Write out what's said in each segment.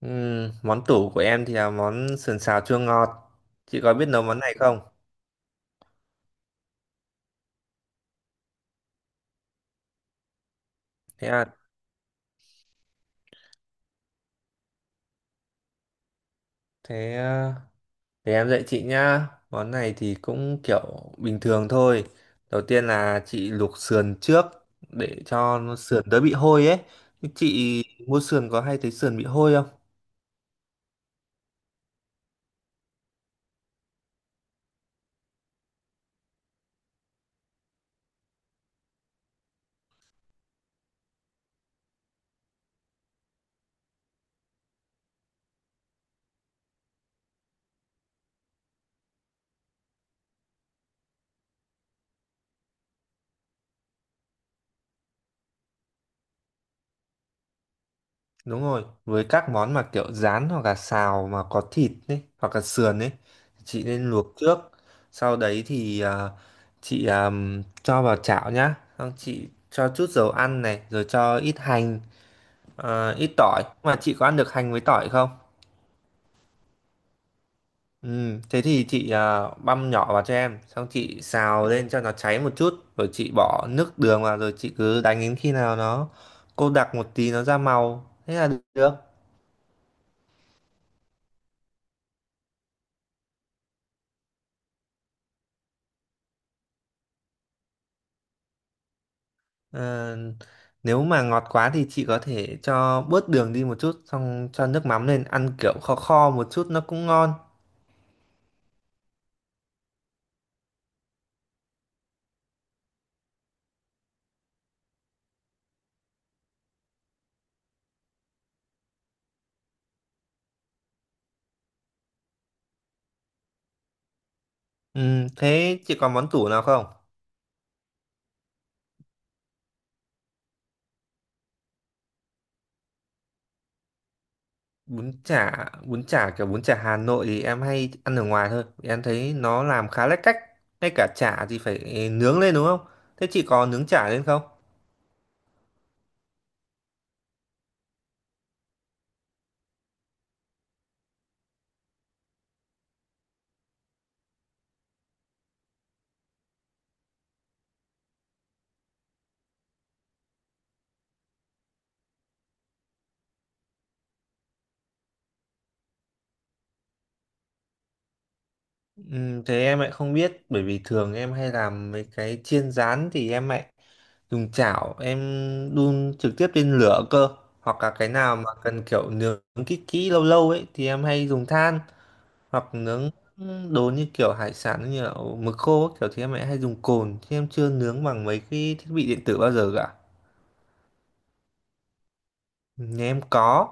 Món tủ của em thì là món sườn xào chua ngọt. Chị có biết nấu món này không? Thế à, thế ờ, để em dạy chị nhá. Món này thì cũng kiểu bình thường thôi. Đầu tiên là chị luộc sườn trước để cho nó sườn đỡ bị hôi ấy. Chị mua sườn có hay thấy sườn bị hôi không? Đúng rồi, với các món mà kiểu rán hoặc là xào mà có thịt ấy, hoặc là sườn ấy, thì chị nên luộc trước. Sau đấy chị cho vào chảo nhá. Xong chị cho chút dầu ăn này, rồi cho ít hành, à, ít tỏi. Mà chị có ăn được hành với tỏi không? Ừ, thế thì chị băm nhỏ vào cho em. Xong chị xào lên cho nó cháy một chút. Rồi chị bỏ nước đường vào, rồi chị cứ đánh đến khi nào nó cô đặc một tí nó ra màu. Thế là được. Ờ, Nếu mà ngọt quá thì chị có thể cho bớt đường đi một chút xong cho nước mắm lên ăn kiểu kho kho một chút nó cũng ngon. ừ, Thế chị có món tủ nào không? Bún chả kiểu bún chả Hà Nội thì em hay ăn ở ngoài thôi. Vì em thấy nó làm khá lách cách, ngay cả chả thì phải nướng lên đúng không, thế chị có nướng chả lên không? Ừ, thế em lại không biết bởi vì thường em hay làm mấy cái chiên rán thì em lại dùng chảo, em đun trực tiếp lên lửa cơ, hoặc là cái nào mà cần kiểu nướng kỹ kỹ lâu lâu ấy thì em hay dùng than, hoặc nướng đồ như kiểu hải sản như là mực khô ấy, kiểu thì em lại hay dùng cồn chứ em chưa nướng bằng mấy cái thiết bị điện tử bao giờ cả. Nhà em có.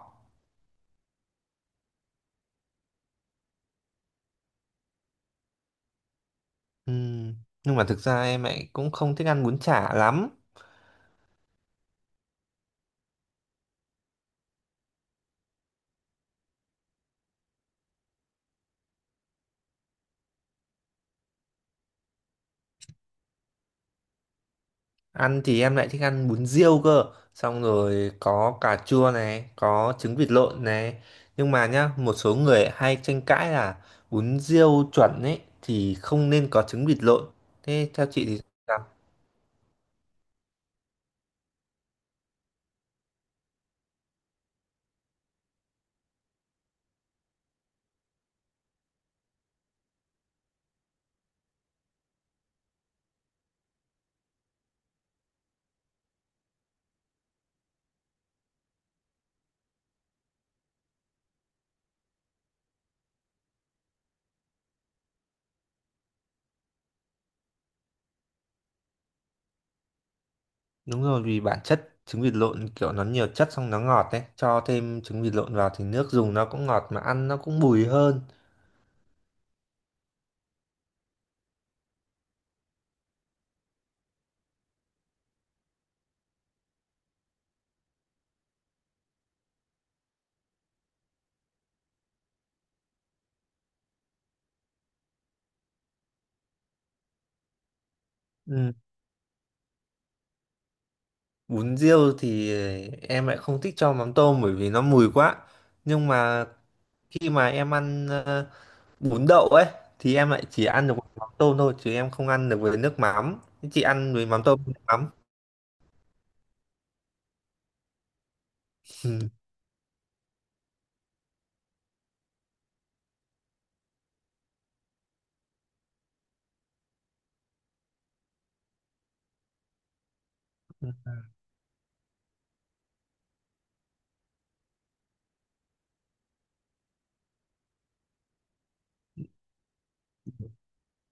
Ừm, nhưng mà thực ra em lại cũng không thích ăn bún chả lắm. Ăn thì em lại thích ăn bún riêu cơ. Xong rồi có cà chua này, có trứng vịt lộn này. Nhưng mà nhá, một số người hay tranh cãi là bún riêu chuẩn ấy thì không nên có trứng vịt lộn. Thế theo chị thì sao? Đúng rồi, vì bản chất trứng vịt lộn kiểu nó nhiều chất xong nó ngọt đấy. Cho thêm trứng vịt lộn vào thì nước dùng nó cũng ngọt mà ăn nó cũng bùi hơn. Ừ. Bún riêu thì em lại không thích cho mắm tôm bởi vì nó mùi quá. Nhưng mà khi mà em ăn bún đậu ấy thì em lại chỉ ăn được với mắm tôm thôi chứ em không ăn được với nước mắm. Chị ăn với mắm tôm nước mắm? Ừ,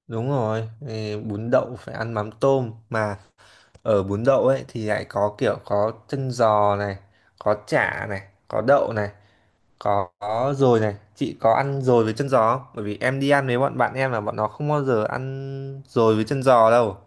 đúng rồi, ừ, bún đậu phải ăn mắm tôm mà. Ở bún đậu ấy thì lại có kiểu có chân giò này, có chả này, có đậu này, có dồi này. Chị có ăn dồi với chân giò không, bởi vì em đi ăn với bọn bạn em là bọn nó không bao giờ ăn dồi với chân giò đâu.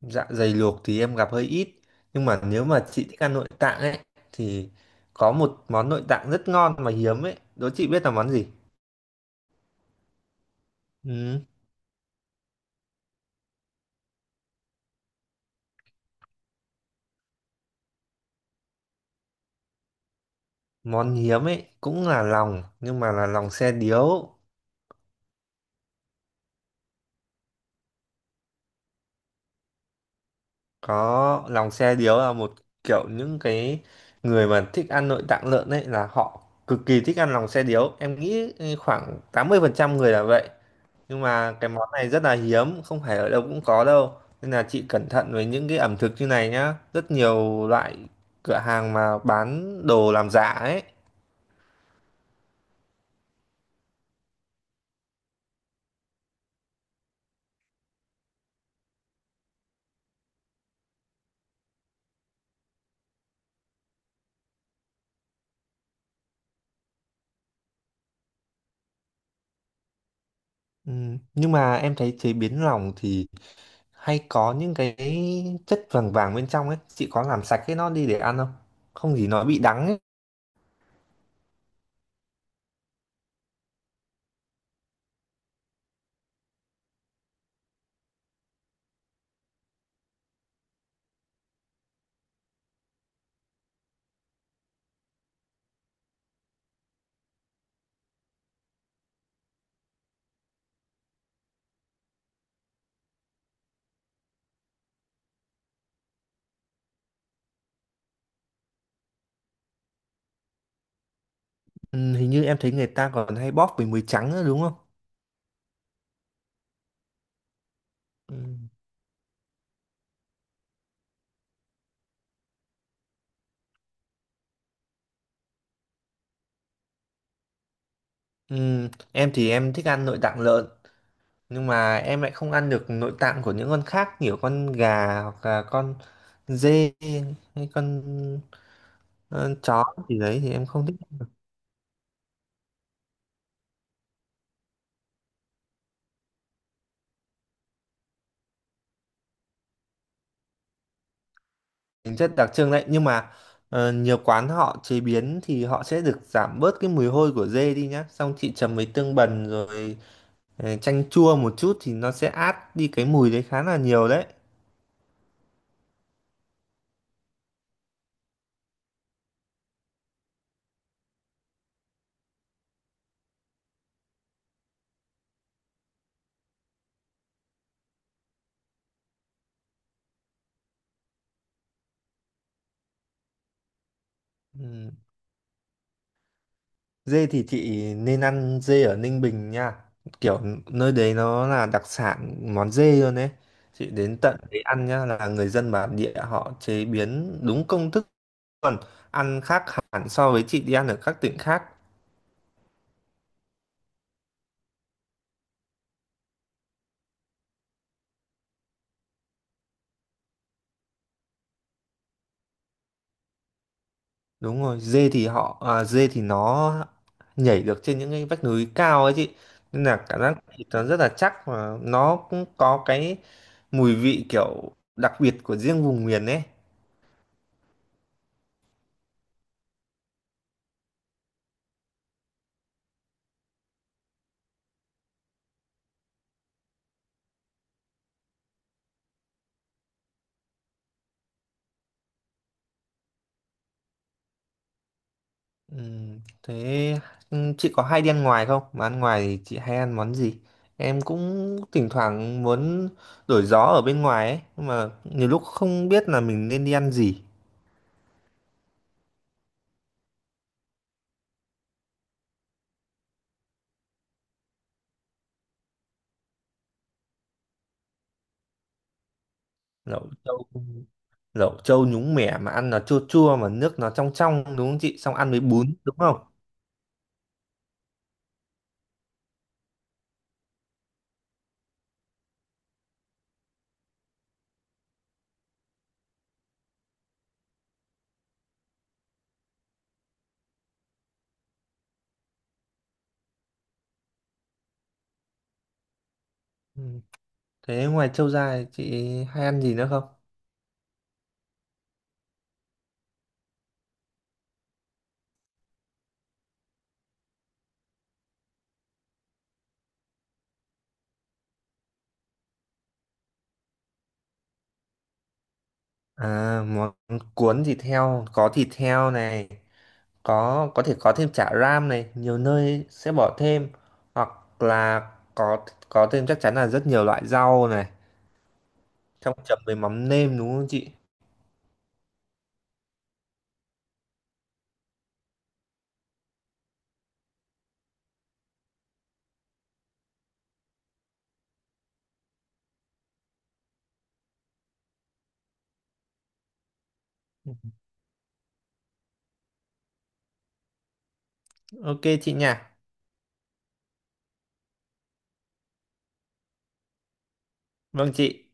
Dạ dày luộc thì em gặp hơi ít, nhưng mà nếu mà chị thích ăn nội tạng ấy thì có một món nội tạng rất ngon mà hiếm ấy, đố chị biết là món gì. Ừ. Món hiếm ấy cũng là lòng nhưng mà là lòng xe điếu. Có, lòng xe điếu là một kiểu, những cái người mà thích ăn nội tạng lợn ấy là họ cực kỳ thích ăn lòng xe điếu, em nghĩ khoảng 80% người là vậy. Nhưng mà cái món này rất là hiếm, không phải ở đâu cũng có đâu, nên là chị cẩn thận với những cái ẩm thực như này nhá, rất nhiều loại cửa hàng mà bán đồ làm giả ấy. ừ, nhưng mà em thấy chế biến lòng thì hay có những cái chất vàng vàng bên trong ấy, chị có làm sạch cái nó đi để ăn không, không gì nó bị đắng ấy. Ừ, Hình như em thấy người ta còn hay bóp với muối trắng nữa đúng không? Ừ. Ừ, em thì em thích ăn nội tạng lợn nhưng mà em lại không ăn được nội tạng của những con khác, kiểu con gà hoặc là con dê hay con ờ, chó gì đấy thì em không thích. Tính chất đặc trưng đấy, nhưng mà nhiều quán họ chế biến thì họ sẽ được giảm bớt cái mùi hôi của dê đi nhá, xong chị chấm với tương bần rồi chanh chua một chút thì nó sẽ át đi cái mùi đấy khá là nhiều đấy. Ừ, dê thì chị nên ăn dê ở Ninh Bình nha. Kiểu nơi đấy nó là đặc sản món dê luôn đấy. Chị đến tận đấy ăn nhá, là người dân bản địa họ chế biến đúng công thức luôn. Ăn khác hẳn so với chị đi ăn ở các tỉnh khác. Đúng rồi, dê thì nó nhảy được trên những cái vách núi cao ấy chị. Nên là cảm giác thịt nó rất là chắc và nó cũng có cái mùi vị kiểu đặc biệt của riêng vùng miền ấy. Thế chị có hay đi ăn ngoài không? Mà ăn ngoài thì chị hay ăn món gì? Em cũng thỉnh thoảng muốn đổi gió ở bên ngoài ấy, nhưng mà nhiều lúc không biết là mình nên đi ăn gì. Lẩu trâu, lẩu trâu nhúng mẻ mà ăn nó chua chua mà nước nó trong trong đúng không chị? Xong ăn với bún đúng không? Ừm, Thế ngoài trâu ra thì chị hay ăn gì nữa không? À, món cuốn thịt heo, có thịt heo này, có thể có thêm chả ram này, nhiều nơi sẽ bỏ thêm, hoặc là có thêm chắc chắn là rất nhiều loại rau này, trong chấm với mắm nêm đúng không chị? Ok chị nha. Vâng chị.